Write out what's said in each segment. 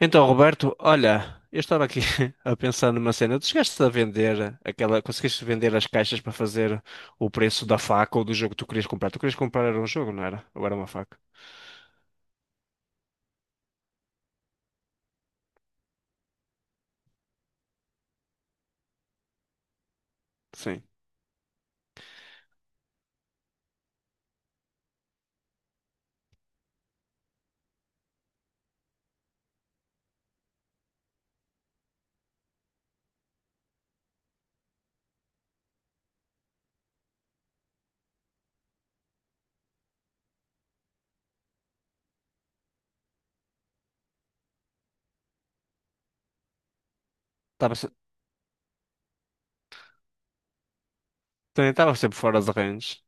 Então, Roberto, olha, eu estava aqui a pensar numa cena. Tu chegaste a vender aquela. Conseguiste vender as caixas para fazer o preço da faca ou do jogo que tu querias comprar? Tu querias comprar era um jogo, não era? Ou era uma faca? Sim. Estava, também estava sempre fora de range.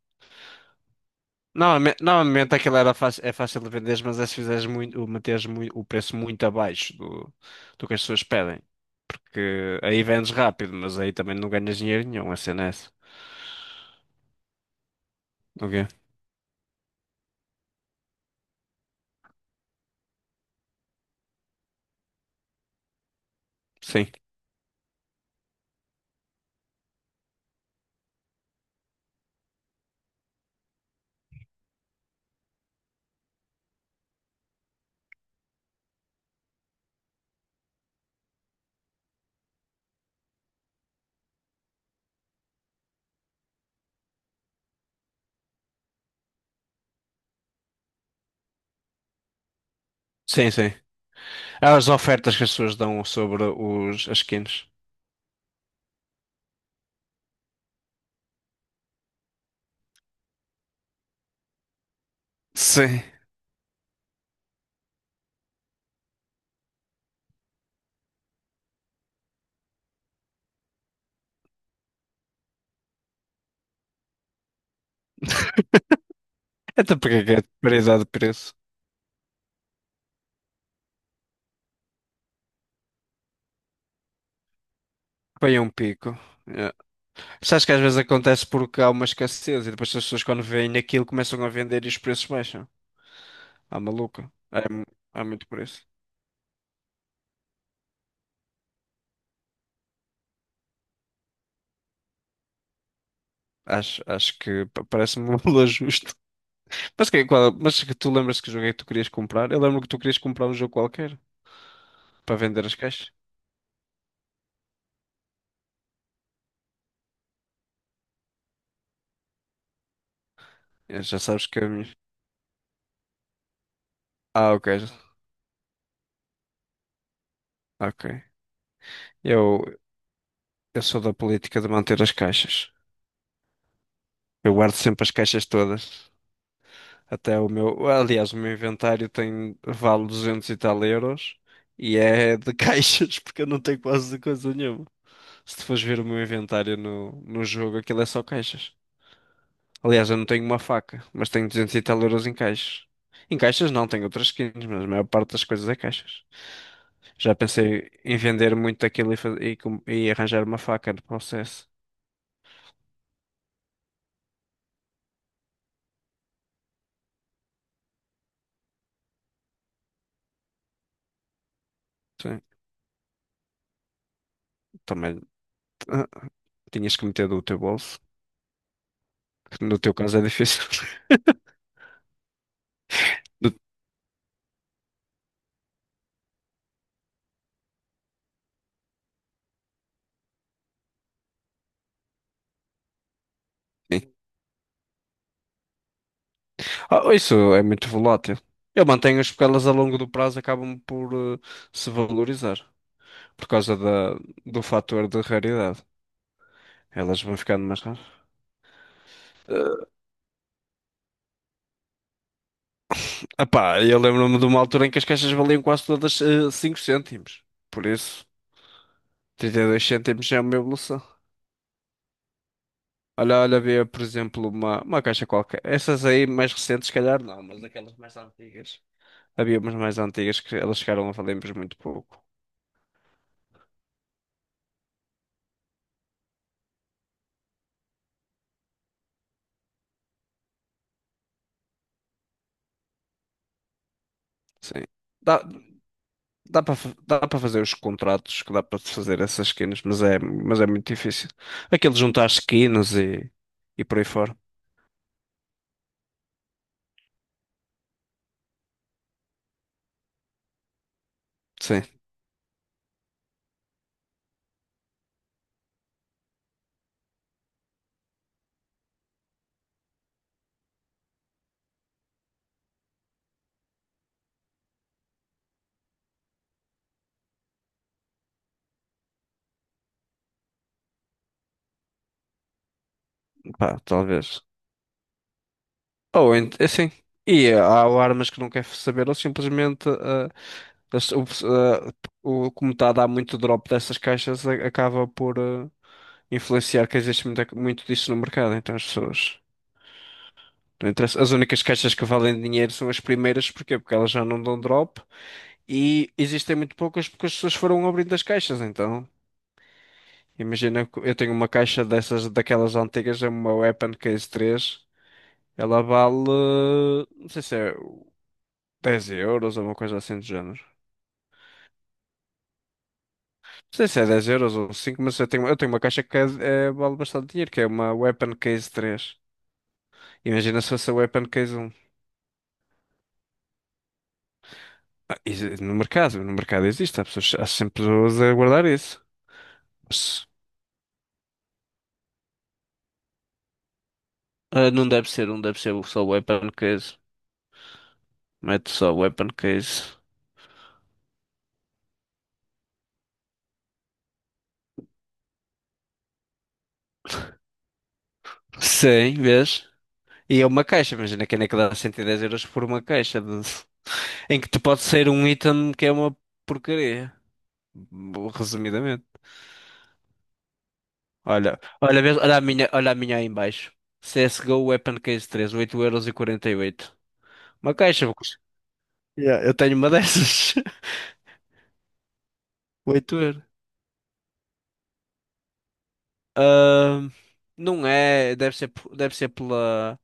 Normalmente aquilo era fácil, é fácil de vender, mas é se fizeres muito, meteres muito, o preço muito abaixo do, do que as pessoas pedem. Porque aí vendes rápido, mas aí também não ganhas dinheiro nenhum, a cena é essa. Ok? Sim. Sim, sim. As ofertas que as pessoas dão sobre as skins. Sim. Até porque é que é de paridade de preço. Foi um pico. É. Sabes que às vezes acontece porque há uma escassez e depois as pessoas quando veem aquilo começam a vender e os preços baixam. Ah, maluco. É, há muito preço. Acho que parece-me um valor justo. Mas que tu lembras que jogo é que tu querias comprar? Eu lembro que tu querias comprar um jogo qualquer para vender as caixas. Já sabes que é a minha... Ah, ok. Ok. Eu, eu sou da política de manter as caixas. Eu guardo sempre as caixas todas. Até o meu. Aliás, o meu inventário tem. Vale 200 e tal euros. E é de caixas, porque eu não tenho quase de coisa nenhuma. Se tu fores ver o meu inventário no jogo, aquilo é só caixas. Aliás, eu não tenho uma faca, mas tenho 200 e tal euros em caixas. Em caixas não, tenho outras skins, mas a maior parte das coisas é caixas. Já pensei em vender muito daquilo e arranjar uma faca no processo. Sim, também ah, tinhas que meter do teu bolso, que no teu caso é difícil. Sim. Ah, isso é muito volátil. Eu mantenho as porque elas a longo do prazo acabam por se valorizar por causa da, do fator de raridade. Elas vão ficando mais raras. Ah pá, eu lembro-me de uma altura em que as caixas valiam quase todas cinco 5 cêntimos. Por isso, 32 cêntimos é uma evolução. Olha, olha, havia, por exemplo, uma caixa qualquer. Essas aí mais recentes, se calhar não, mas aquelas mais antigas. Havia umas mais antigas que elas chegaram a valer por muito pouco. Sim. Dá, dá para dá para fazer os contratos, que dá para fazer essas skins, mas é muito difícil. Aquilo de juntar skins e por aí fora. Sim, pá, talvez. Ou é assim. E há armas que não quer saber, ou simplesmente o, pes- ah, o- como está a dar muito drop dessas caixas, acaba por. Influenciar que existe muito disso no mercado, então as pessoas. Não interessa. As únicas caixas que valem dinheiro são as primeiras, porquê? Porque elas já não dão drop e existem muito poucas porque as pessoas foram abrindo as caixas, então. Imagina que eu tenho uma caixa dessas, daquelas antigas, é uma Weapon Case 3. Ela vale, não sei se é 10 euros ou uma coisa assim do género. Não sei se é dez euros ou cinco, mas eu tenho uma caixa que vale bastante dinheiro, que é uma Weapon Case 3. Imagina se fosse a Weapon Case 1. Ah, isso, no mercado, no mercado existe, há pessoas, há sempre pessoas a guardar isso. Mas, não deve ser, não deve ser só weapon case. Mete só weapon case. Sim, vês? E é uma caixa, imagina que é que dá 110 euros por uma em que te pode sair um item que é uma porcaria. Resumidamente. Olha, olha, vês? Olha a minha aí em baixo. CSGO Weapon Case 3, 8,48€. Uma caixa, yeah, eu tenho uma dessas. 8 euros. Ahn, não é, deve ser, deve ser pela,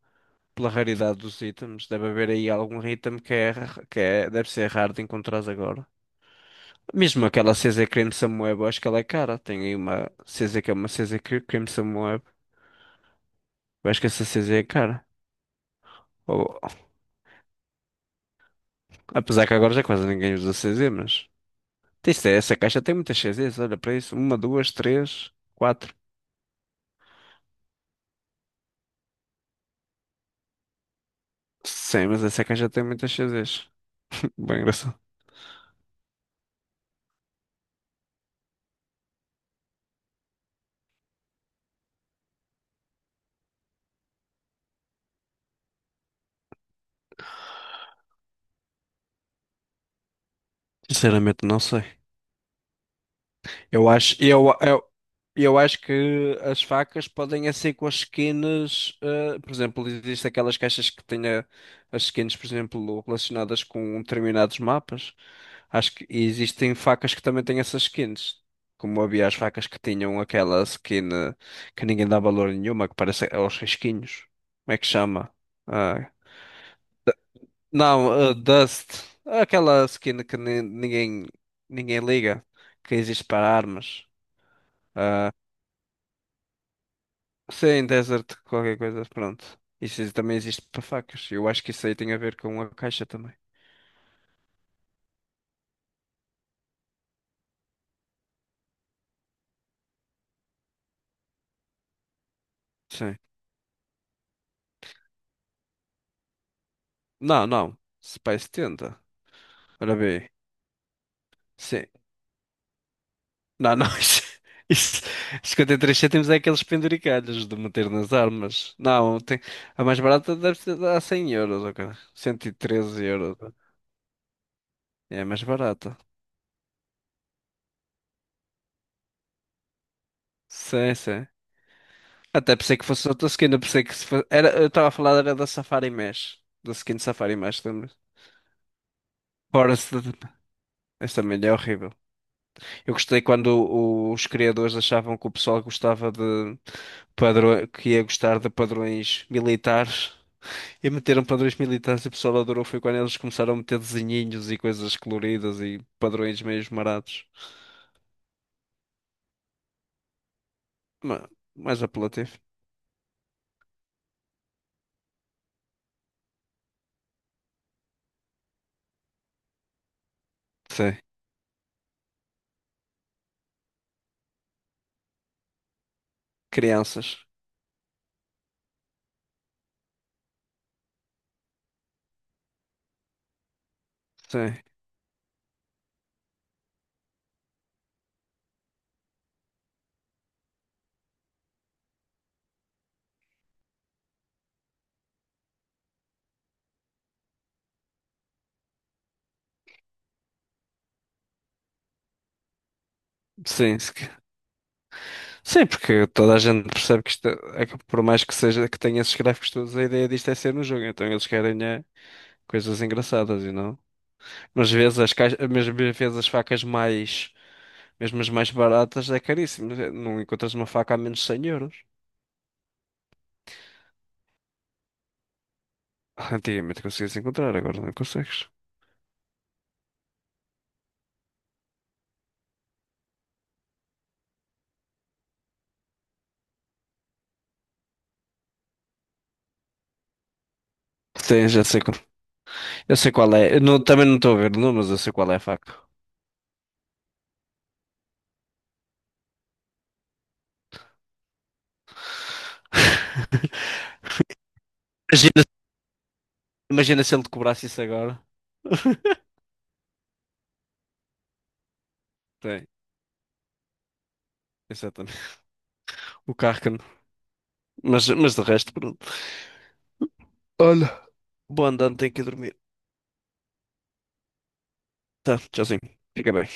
pela raridade dos itens. Deve haver aí algum item que é, que é, deve ser raro de encontrar agora. Mesmo aquela CZ Cream Samoeba, eu acho que ela é cara. Tem aí uma CZ que é uma Cream Samoeba. Eu acho que essa CZ é cara. Ou- apesar que agora já quase ninguém usa CZ, mas. Isto é, essa caixa tem muitas CZs, olha para isso. Uma, duas, três, quatro. Sim, mas essa caixa tem muitas CZs. Bem engraçado. Sinceramente, não sei. Eu acho, eu acho que as facas podem é ser com as skins. Por exemplo, existem aquelas caixas que as skins, por exemplo, relacionadas com determinados mapas. Acho que e existem facas que também têm essas skins. Como havia as facas que tinham aquela skin que ninguém dá valor nenhuma, que parece aos risquinhos. Como é que chama? Ah, não, Dust. Aquela skin que ninguém, ninguém liga. Que existe para armas. Ah, sim, Desert, qualquer coisa, pronto. Isso também existe para facas. Eu acho que isso aí tem a ver com a caixa também. Sim. Não, não. Spice tenta. Ora bem. Sim. Não, não. Isso, 53 cêntimos é aqueles penduricalhos de meter nas armas. Não, tem, a mais barata deve ser a 100 euros, ok? 113 euros. É a mais barata. Sim, sim. Até pensei que fosse outra skin, eu pensei que se fosse... era, eu estava a falar era da Safari Mesh, da skin Safari Mesh, lembra? Forest, esta milha é horrível. Eu gostei quando os criadores achavam que o pessoal gostava de padrões, que ia gostar de padrões militares e meteram padrões militares e o pessoal adorou. Foi quando eles começaram a meter desenhinhos e coisas coloridas e padrões meio esmarados. Ma- Mais apelativo. Sim. Crianças. Sim. Sim. Sim, porque toda a gente percebe que isto é que por mais que seja que tenha esses gráficos todos, a ideia disto é ser no jogo, então eles querem é, coisas engraçadas e não. Mas às vezes as caixas, mas às vezes as facas mais, mesmo as mais baratas, é caríssimo. Não encontras uma faca a menos de 100 euros. Ah, antigamente conseguias encontrar, agora não consegues. Sim, já sei qual, eu sei qual é. Eu não- também não estou a ver o nome, mas eu sei qual é a faca. Imagina, imagina se ele te cobrasse isso agora. Tem, exatamente. O carro que mas de resto, pronto. Olha, boa andando, tenho que ir dormir. Tá, tchauzinho. Fica bem.